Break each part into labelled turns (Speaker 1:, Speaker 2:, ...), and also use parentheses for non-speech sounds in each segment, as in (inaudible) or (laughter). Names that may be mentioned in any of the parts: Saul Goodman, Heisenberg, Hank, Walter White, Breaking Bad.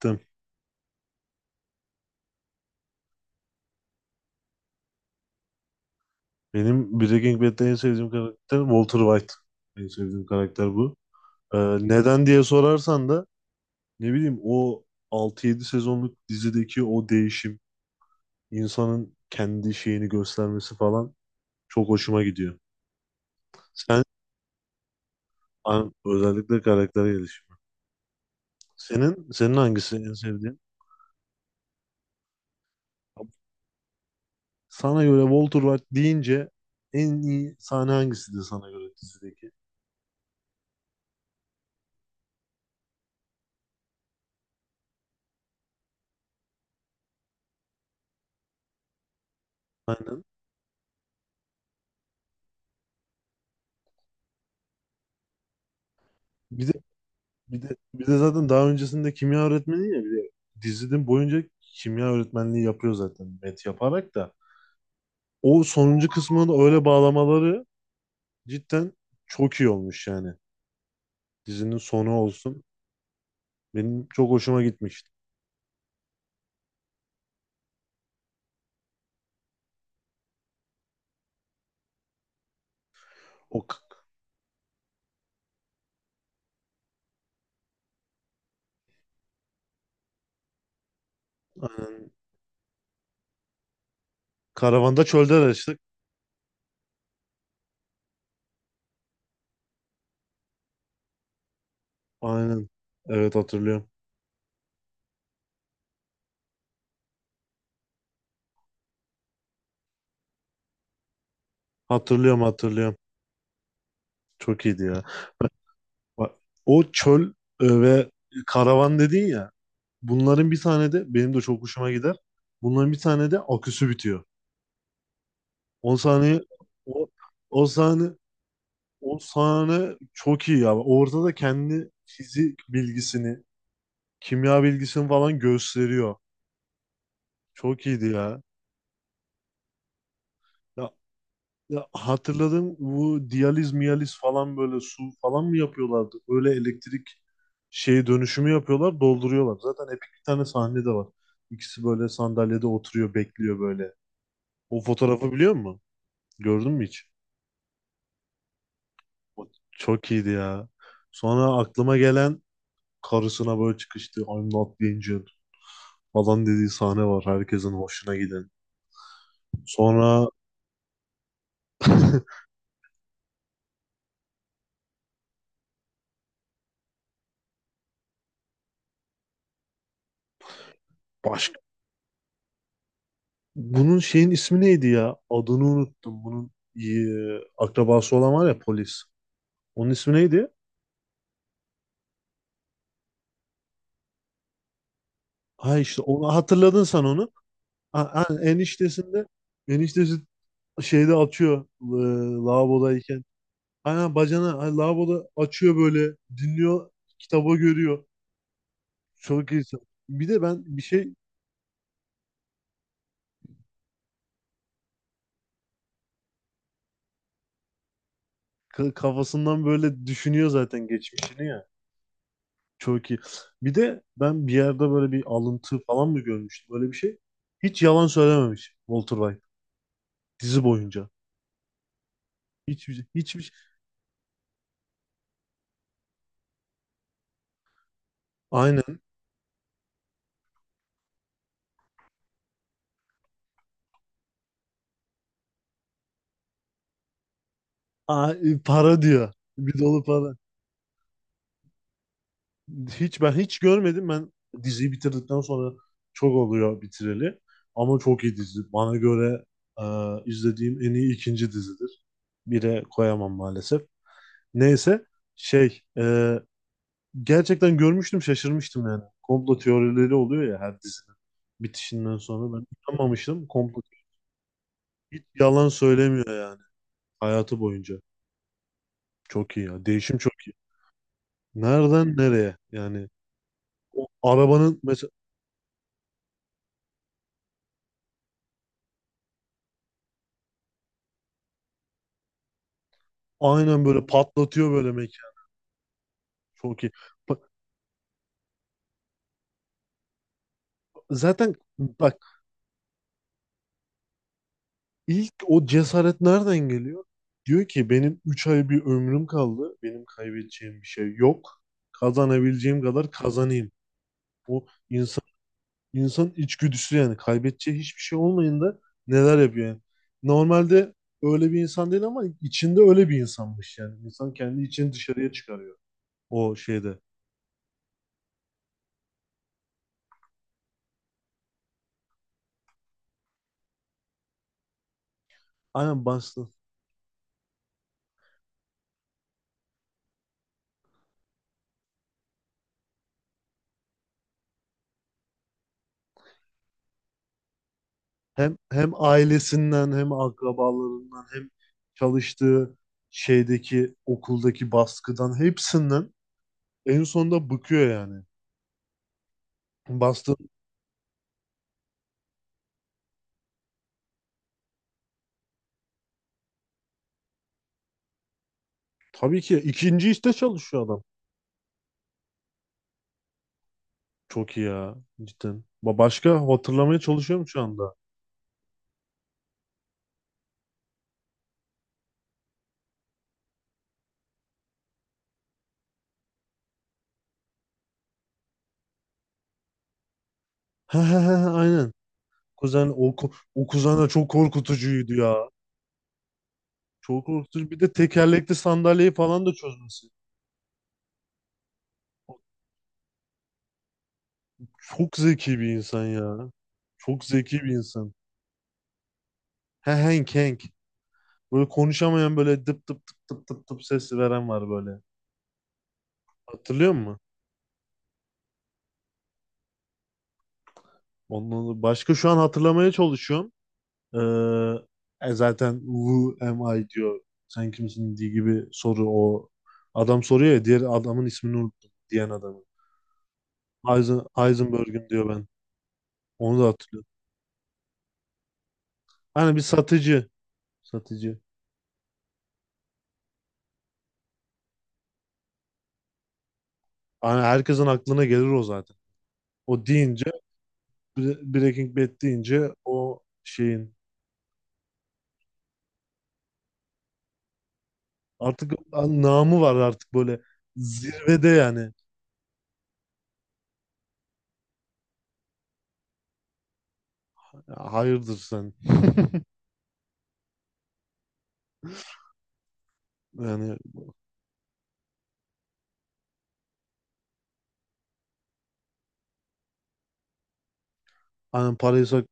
Speaker 1: Tabii. Benim Breaking Bad'de en sevdiğim karakter Walter White. En sevdiğim karakter bu. Neden diye sorarsan da ne bileyim o 6-7 sezonluk dizideki o değişim, insanın kendi şeyini göstermesi falan çok hoşuma gidiyor. Sen Özellikle karakter gelişimi. Senin hangisi en sevdiğin? Sana göre Walter White deyince en iyi sahne hangisidir sana göre dizideki? Aynen. Bir de bir de zaten daha öncesinde kimya öğretmeni ya, bir de dizinin boyunca kimya öğretmenliği yapıyor zaten, met yaparak da. O sonuncu kısmını da öyle bağlamaları cidden çok iyi olmuş yani. Dizinin sonu olsun. Benim çok hoşuma gitmişti. O k- aynen. Karavanda çölde araçtık. Aynen. Evet, hatırlıyorum. Hatırlıyorum, hatırlıyorum. Çok iyiydi ya. Bak, o çöl ve karavan dedin ya. Bunların bir tane de benim de çok hoşuma gider. Bunların bir tane de aküsü bitiyor. 10 saniye. O, o sahne o sahne çok iyi ya. Orada da kendi fizik bilgisini, kimya bilgisini falan gösteriyor. Çok iyiydi ya. Ya, ya hatırladım, bu diyaliz miyaliz falan böyle su falan mı yapıyorlardı? Öyle elektrik şeyi dönüşümü yapıyorlar, dolduruyorlar. Zaten epik bir tane sahne de var. İkisi böyle sandalyede oturuyor, bekliyor böyle. O fotoğrafı biliyor musun? Gördün mü hiç? O Çok iyiydi ya. Sonra aklıma gelen, karısına böyle çıkıştı, "I'm not the angel" falan dediği sahne var, herkesin hoşuna giden. Sonra başka bunun şeyin ismi neydi ya? Adını unuttum. Bunun akrabası olan var ya, polis. Onun ismi neydi? Ha, işte onu hatırladın sen, onu. Ha, ha, eniştesi şeyde açıyor lavabodayken. Aynen, bacana, ha, lavaboda açıyor böyle, dinliyor, kitabı görüyor. Çok iyi. Bir de ben bir şey Ka- Kafasından böyle düşünüyor zaten geçmişini ya. Çok iyi. Bir de ben bir yerde böyle bir alıntı falan mı görmüştüm böyle, bir şey. Hiç yalan söylememiş Walter White dizi boyunca. Hiçbir şey, aynen. Aa, para diyor. Bir dolu para. Hiç, ben hiç görmedim. Ben diziyi bitirdikten sonra çok oluyor bitireli. Ama çok iyi dizi. Bana göre e, izlediğim en iyi ikinci dizidir. Bire koyamam maalesef. Neyse, şey e, gerçekten görmüştüm, şaşırmıştım yani. Komplo teorileri oluyor ya her dizinin bitişinden sonra. Ben inanmamıştım. Hiç yalan söylemiyor yani hayatı boyunca. Çok iyi ya. Değişim çok iyi. Nereden nereye? Yani, o arabanın mesela, aynen böyle patlatıyor böyle mekan. Çok iyi. Bak, zaten bak, ilk o cesaret nereden geliyor? Diyor ki benim 3 ay bir ömrüm kaldı. Benim kaybedeceğim bir şey yok. Kazanabileceğim kadar kazanayım. Bu insan. İnsanın içgüdüsü yani, kaybedeceği hiçbir şey olmayınca neler yapıyor yani. Normalde öyle bir insan değil ama içinde öyle bir insanmış yani. İnsan kendi içini dışarıya çıkarıyor o şeyde. Aynen, bastı. Hem ailesinden, hem akrabalarından, hem çalıştığı şeydeki okuldaki baskıdan, hepsinden en sonunda bıkıyor yani. Bastı. Tabii ki ikinci işte çalışıyor adam. Çok iyi ya cidden. Başka hatırlamaya çalışıyorum şu anda. (laughs) He he he he, aynen. Kuzen o, o kuzen de çok korkutucuydu ya. Çok korkutucu. Bir de tekerlekli sandalyeyi falan da çözmesi. Çok zeki bir insan ya. Çok zeki bir insan. He, Hank, Hank. Böyle konuşamayan, böyle dıp dıp dıp dıp dıp dıp ses veren var böyle. Hatırlıyor musun? Ondan başka şu an hatırlamaya çalışıyorum. Ee, Zaten "who am I" diyor. Sen kimsin diye gibi soru o. Adam soruyor ya, diğer adamın ismini unuttum, diyen adamı. Heisenberg'im diyor ben. Onu da hatırlıyorum. Hani bir satıcı. Satıcı. Hani herkesin aklına gelir o zaten. O deyince, Breaking Bad deyince o şeyin, artık namı var artık, böyle zirvede yani. Hayırdır sen. Yani hani paraysa,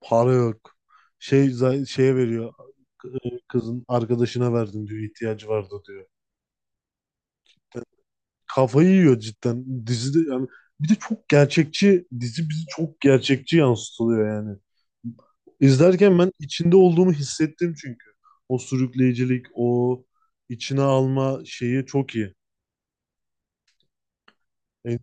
Speaker 1: para yok. Şeye veriyor. Kızın arkadaşına verdim diyor, ihtiyacı vardı diyor. Kafayı yiyor cidden. Dizide yani, bir de çok gerçekçi dizi, bizi çok gerçekçi yansıtılıyor yani. İzlerken ben içinde olduğumu hissettim çünkü. O sürükleyicilik, o içine alma şeyi çok iyi. Yani,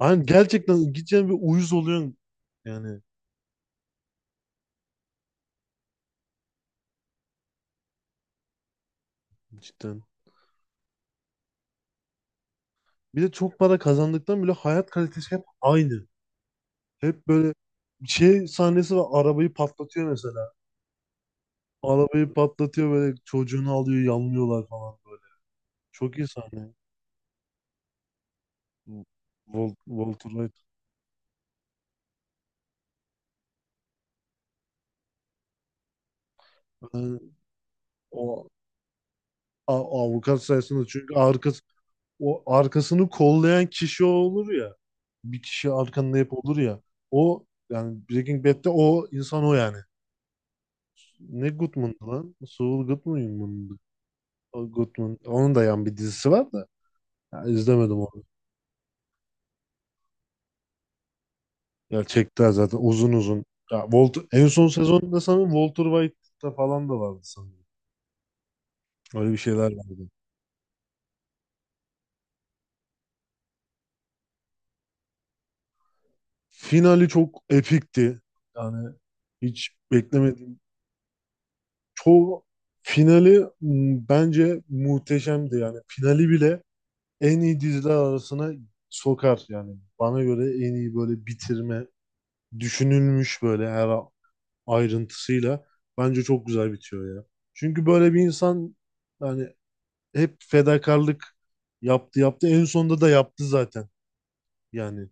Speaker 1: gerçekten gideceğin bir uyuz oluyorsun yani, cidden. Bir de çok para kazandıktan bile hayat kalitesi hep aynı. Hep böyle, şey sahnesi var, arabayı patlatıyor mesela. Arabayı patlatıyor böyle, çocuğunu alıyor, yanlıyorlar falan. Çok iyi sahne. Walter White. Ha, O a- avukat sayesinde, çünkü arkası, o arkasını kollayan kişi o olur ya. Bir kişi arkanda hep olur ya. O yani, Breaking Bad'de o insan o yani. Ne Goodman'dı lan? Saul Goodman mıydı? O Goodman. Onun da yan bir dizisi var da. Ya, izlemedim onu. Ya, çektiler zaten uzun uzun. Ya Walter, en son sezonda sanırım Walter White'da falan da vardı sanırım. Öyle bir şeyler vardı. Finali çok epikti. Yani hiç beklemediğim. Çoğu Finali bence muhteşemdi yani. Finali bile en iyi diziler arasına sokar yani. Bana göre en iyi böyle bitirme, düşünülmüş böyle her ayrıntısıyla, bence çok güzel bitiyor ya. Çünkü böyle bir insan yani, hep fedakarlık yaptı yaptı, en sonunda da yaptı zaten yani.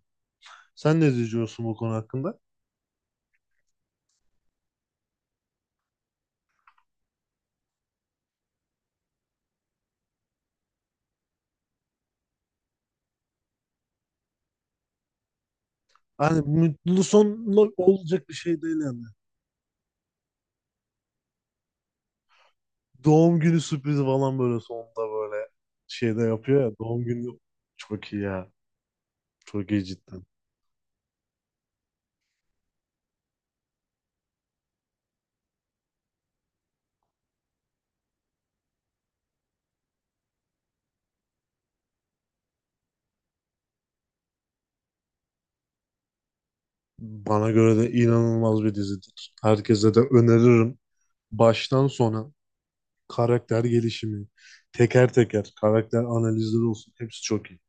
Speaker 1: Sen ne diyorsun bu konu hakkında? Hani mutlu sonla olacak bir şey değil yani. Doğum günü sürprizi falan böyle sonunda böyle şeyde yapıyor ya. Doğum günü, çok iyi ya. Çok iyi cidden. Bana göre de inanılmaz bir dizidir. Herkese de öneririm. Baştan sona karakter gelişimi, teker teker karakter analizleri olsun. Hepsi çok iyi.